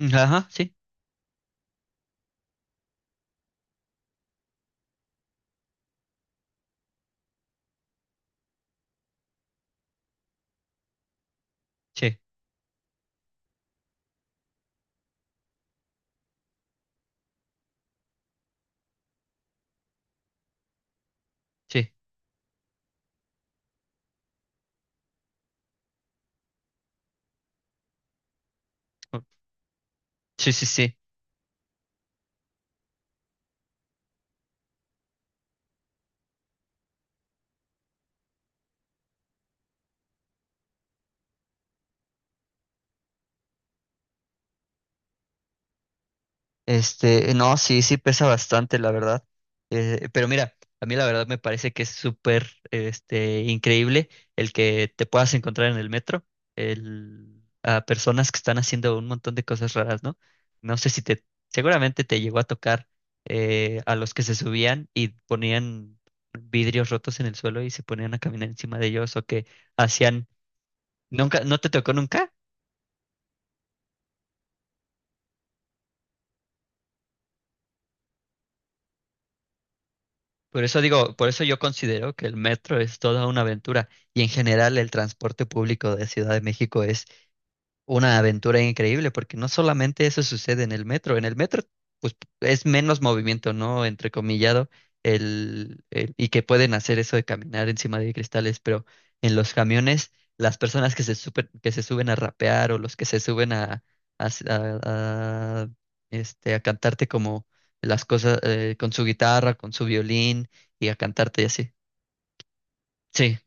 Ajá, sí, sí, sí, o- sí, sí, sí. No, sí, sí pesa bastante, la verdad. Pero mira, a mí la verdad me parece que es súper, increíble el que te puedas encontrar en el metro a personas que están haciendo un montón de cosas raras, ¿no? No sé si te, seguramente te llegó a tocar a los que se subían y ponían vidrios rotos en el suelo y se ponían a caminar encima de ellos o que hacían, nunca, ¿no te tocó nunca? Por eso digo, por eso yo considero que el metro es toda una aventura y en general el transporte público de Ciudad de México una aventura increíble, porque no solamente eso sucede en el metro pues es menos movimiento, ¿no? Entrecomillado, y que pueden hacer eso de caminar encima de cristales, pero en los camiones, las personas que se suben a rapear o los que se suben a, s- a, a cantarte como las cosas con su guitarra, con su violín y a cantarte y así. Sí.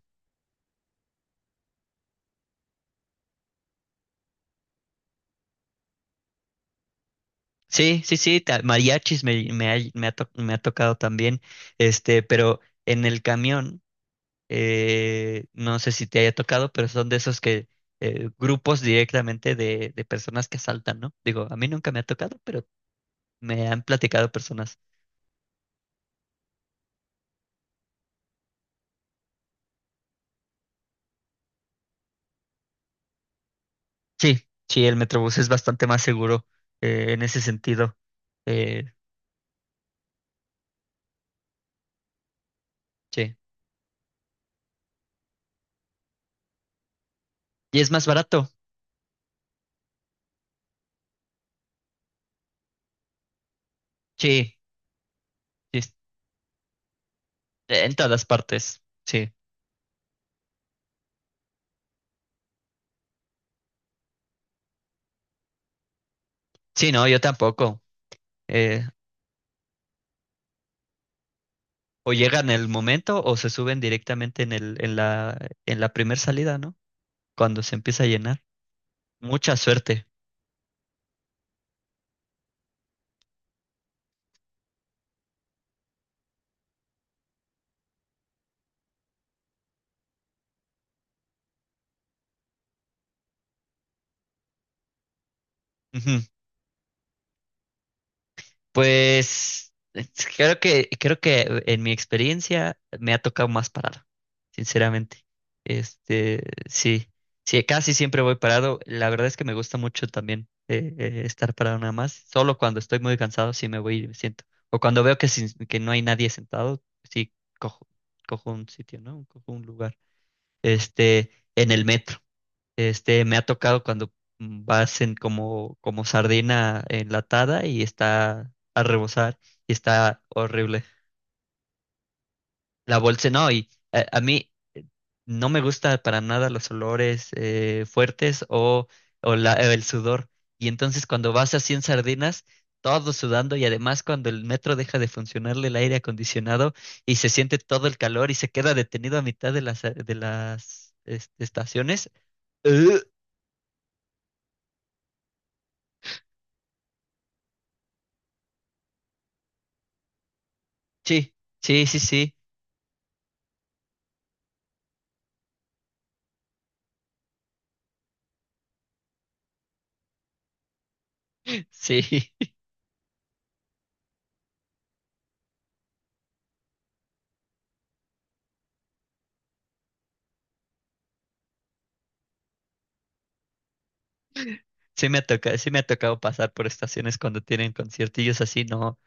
Sí, sí, sí, mariachis me ha tocado también, pero en el camión, no sé si te haya tocado, pero son de esos que grupos directamente de personas que asaltan, ¿no? Digo, a mí nunca me ha tocado, pero me han platicado personas. Sí, sí, el Metrobús es bastante más seguro en ese sentido, eh, sí. Y es más barato, sí, sí, es- en todas partes, sí. Sí, no, yo tampoco. eh, O llegan en el momento o se suben directamente en la primera salida, ¿no? Cuando se empieza a llenar. Mucha suerte. Ujú. Pues es- creo que en mi experiencia me ha tocado más parado, sinceramente. Este, sí, sí, casi siempre voy parado. La verdad es que me gusta mucho también estar parado nada más. Solo cuando estoy muy cansado sí me voy y me siento. O cuando veo que no hay nadie sentado, sí cojo, cojo un sitio, ¿no? Cojo un lugar. este, en el metro. Me ha tocado cuando vas en como sardina enlatada y está a rebosar y está horrible. La bolsa, no, y mí no me gusta para nada los olores fuertes el sudor. Y entonces cuando vas así en sardinas, todo sudando y además cuando el metro deja de funcionarle el aire acondicionado y se siente todo el calor y se queda detenido a mitad de las estaciones. Sí, sí, sí, sí, sí. Sí me ha tocado, sí me ha tocado pasar por estaciones cuando tienen conciertillos así, no.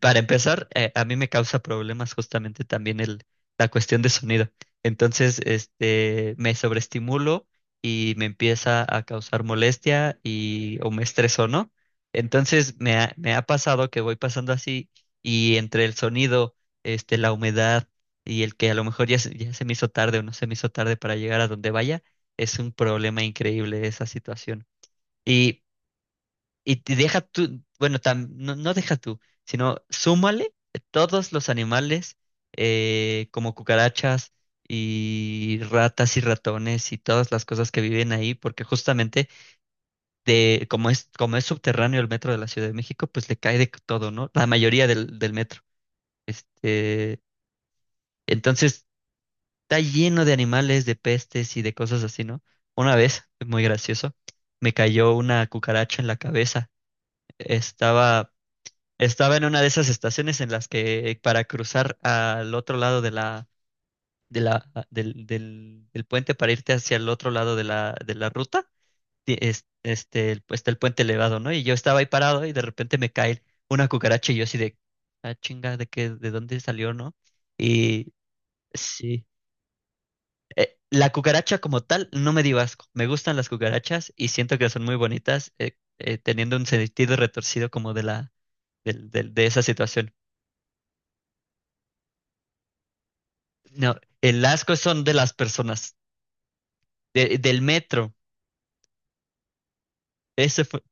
Para empezar, a mí me causa problemas justamente también la cuestión de sonido. Entonces, me sobreestimulo y me empieza a causar molestia y o me estreso, ¿no? Entonces, me ha pasado que voy pasando así y entre el sonido, la humedad y el que a lo mejor ya se me hizo tarde o no se me hizo tarde para llegar a donde vaya, es un problema increíble esa situación. Y y te deja tú, bueno, no deja tú, sino súmale todos los animales como cucarachas y ratas y ratones y todas las cosas que viven ahí, porque justamente como es subterráneo el metro de la Ciudad de México, pues le cae de todo, ¿no? La mayoría del metro. Este, entonces está lleno de animales, de pestes y de cosas así, ¿no? Una vez, muy gracioso, me cayó una cucaracha en la cabeza. Estaba Estaba en una de esas estaciones en las que para cruzar al otro lado de la, del puente para irte hacia el otro lado de la ruta, pues, está el puente elevado, ¿no? Y yo estaba ahí parado y de repente me cae una cucaracha y yo así de, ah, chinga, ¿de dónde salió, no? Y sí, la cucaracha como tal no me dio asco. Me gustan las cucarachas y siento que son muy bonitas, teniendo un sentido retorcido como de la, de esa situación. No, el asco son de las personas, del metro. Ese fue,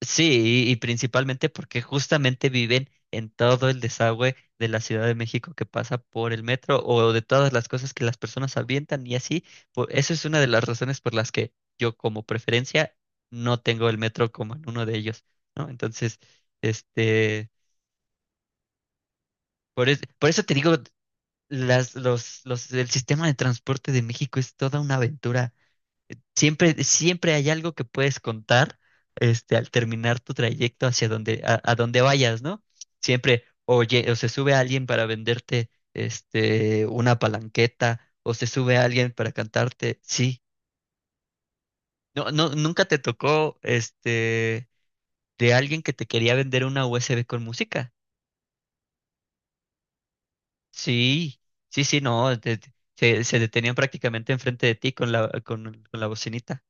sí, y principalmente porque justamente viven en todo el desagüe de la Ciudad de México que pasa por el metro o de todas las cosas que las personas avientan y así. Por, eso es una de las razones por las que yo como preferencia no tengo el metro como en uno de ellos, ¿no? Entonces, este, por eso te digo, el sistema de transporte de México es toda una aventura. Siempre, siempre hay algo que puedes contar, al terminar tu trayecto hacia donde, a donde vayas, ¿no? Siempre, oye, o se sube alguien para venderte, una palanqueta, o se sube alguien para cantarte, sí. No, no, nunca te tocó, de alguien que te quería vender una USB con música. Sí, sí, sí, no, se detenían prácticamente enfrente de ti con la bocinita.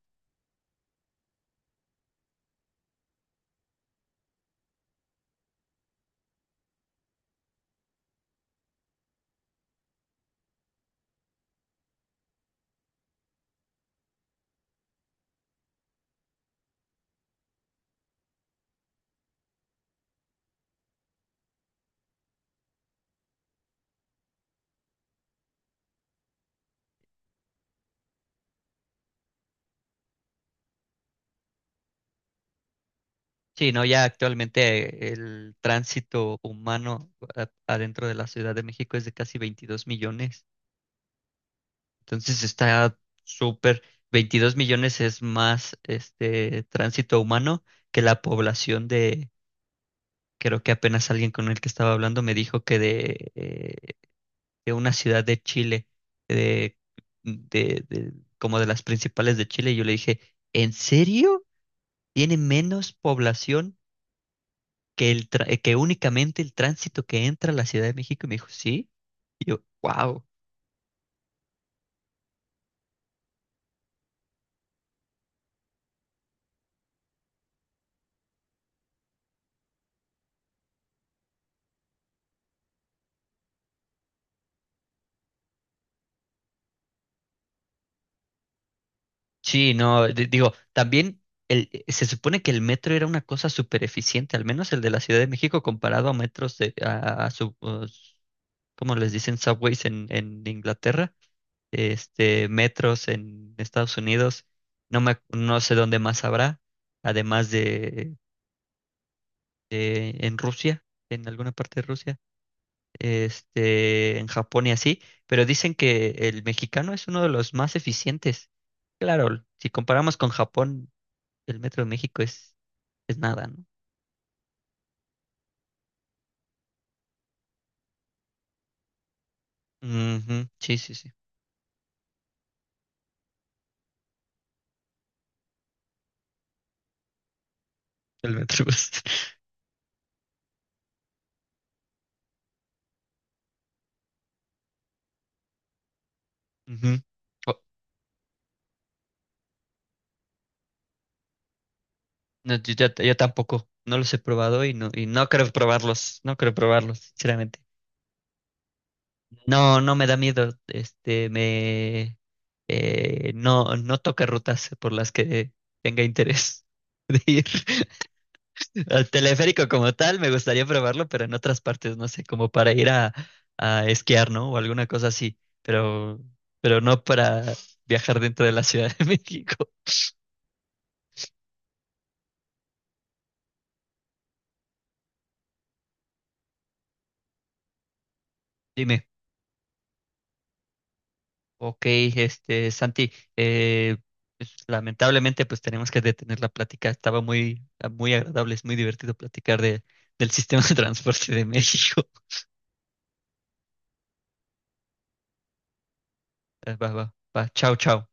Sí, no, ya actualmente el tránsito humano adentro de la Ciudad de México es de casi 22 millones. Entonces está súper, 22 millones es más este tránsito humano que la población de, creo que apenas alguien con el que estaba hablando me dijo que de una ciudad de Chile, de, de, de- como de las principales de Chile. Y yo le dije, ¿en serio? ¿Tiene menos población? Que únicamente el tránsito que entra a la Ciudad de México. Y me dijo, sí. Y yo, wow. Sí, no, digo, también se supone que el metro era una cosa súper eficiente, al menos el de la Ciudad de México comparado a metros de, a sub- os- ¿cómo les dicen? Subways en Inglaterra, metros en Estados Unidos, no sé dónde más habrá, además de en Rusia, en alguna parte de Rusia. En Japón y así, pero dicen que el mexicano es uno de los más eficientes. Claro, si comparamos con Japón, el metro de México es nada, ¿no? Ujú, sí, sí, sí, el metro. Ujú. Oh, no, yo tampoco, no los he probado y no creo probarlos, no creo probarlos, sinceramente. No, no me da miedo, me... no, no toca rutas por las que tenga interés de ir. El teleférico como tal, me gustaría probarlo, pero en otras partes, no sé, como para ir a esquiar, ¿no? O alguna cosa así, pero no para viajar dentro de la Ciudad de México. Dime, ok, Santi, eh, pues, lamentablemente pues tenemos que detener la plática. Estaba muy, muy agradable, es muy divertido platicar de, del sistema de transporte de México. Va, va, va, chao, chao.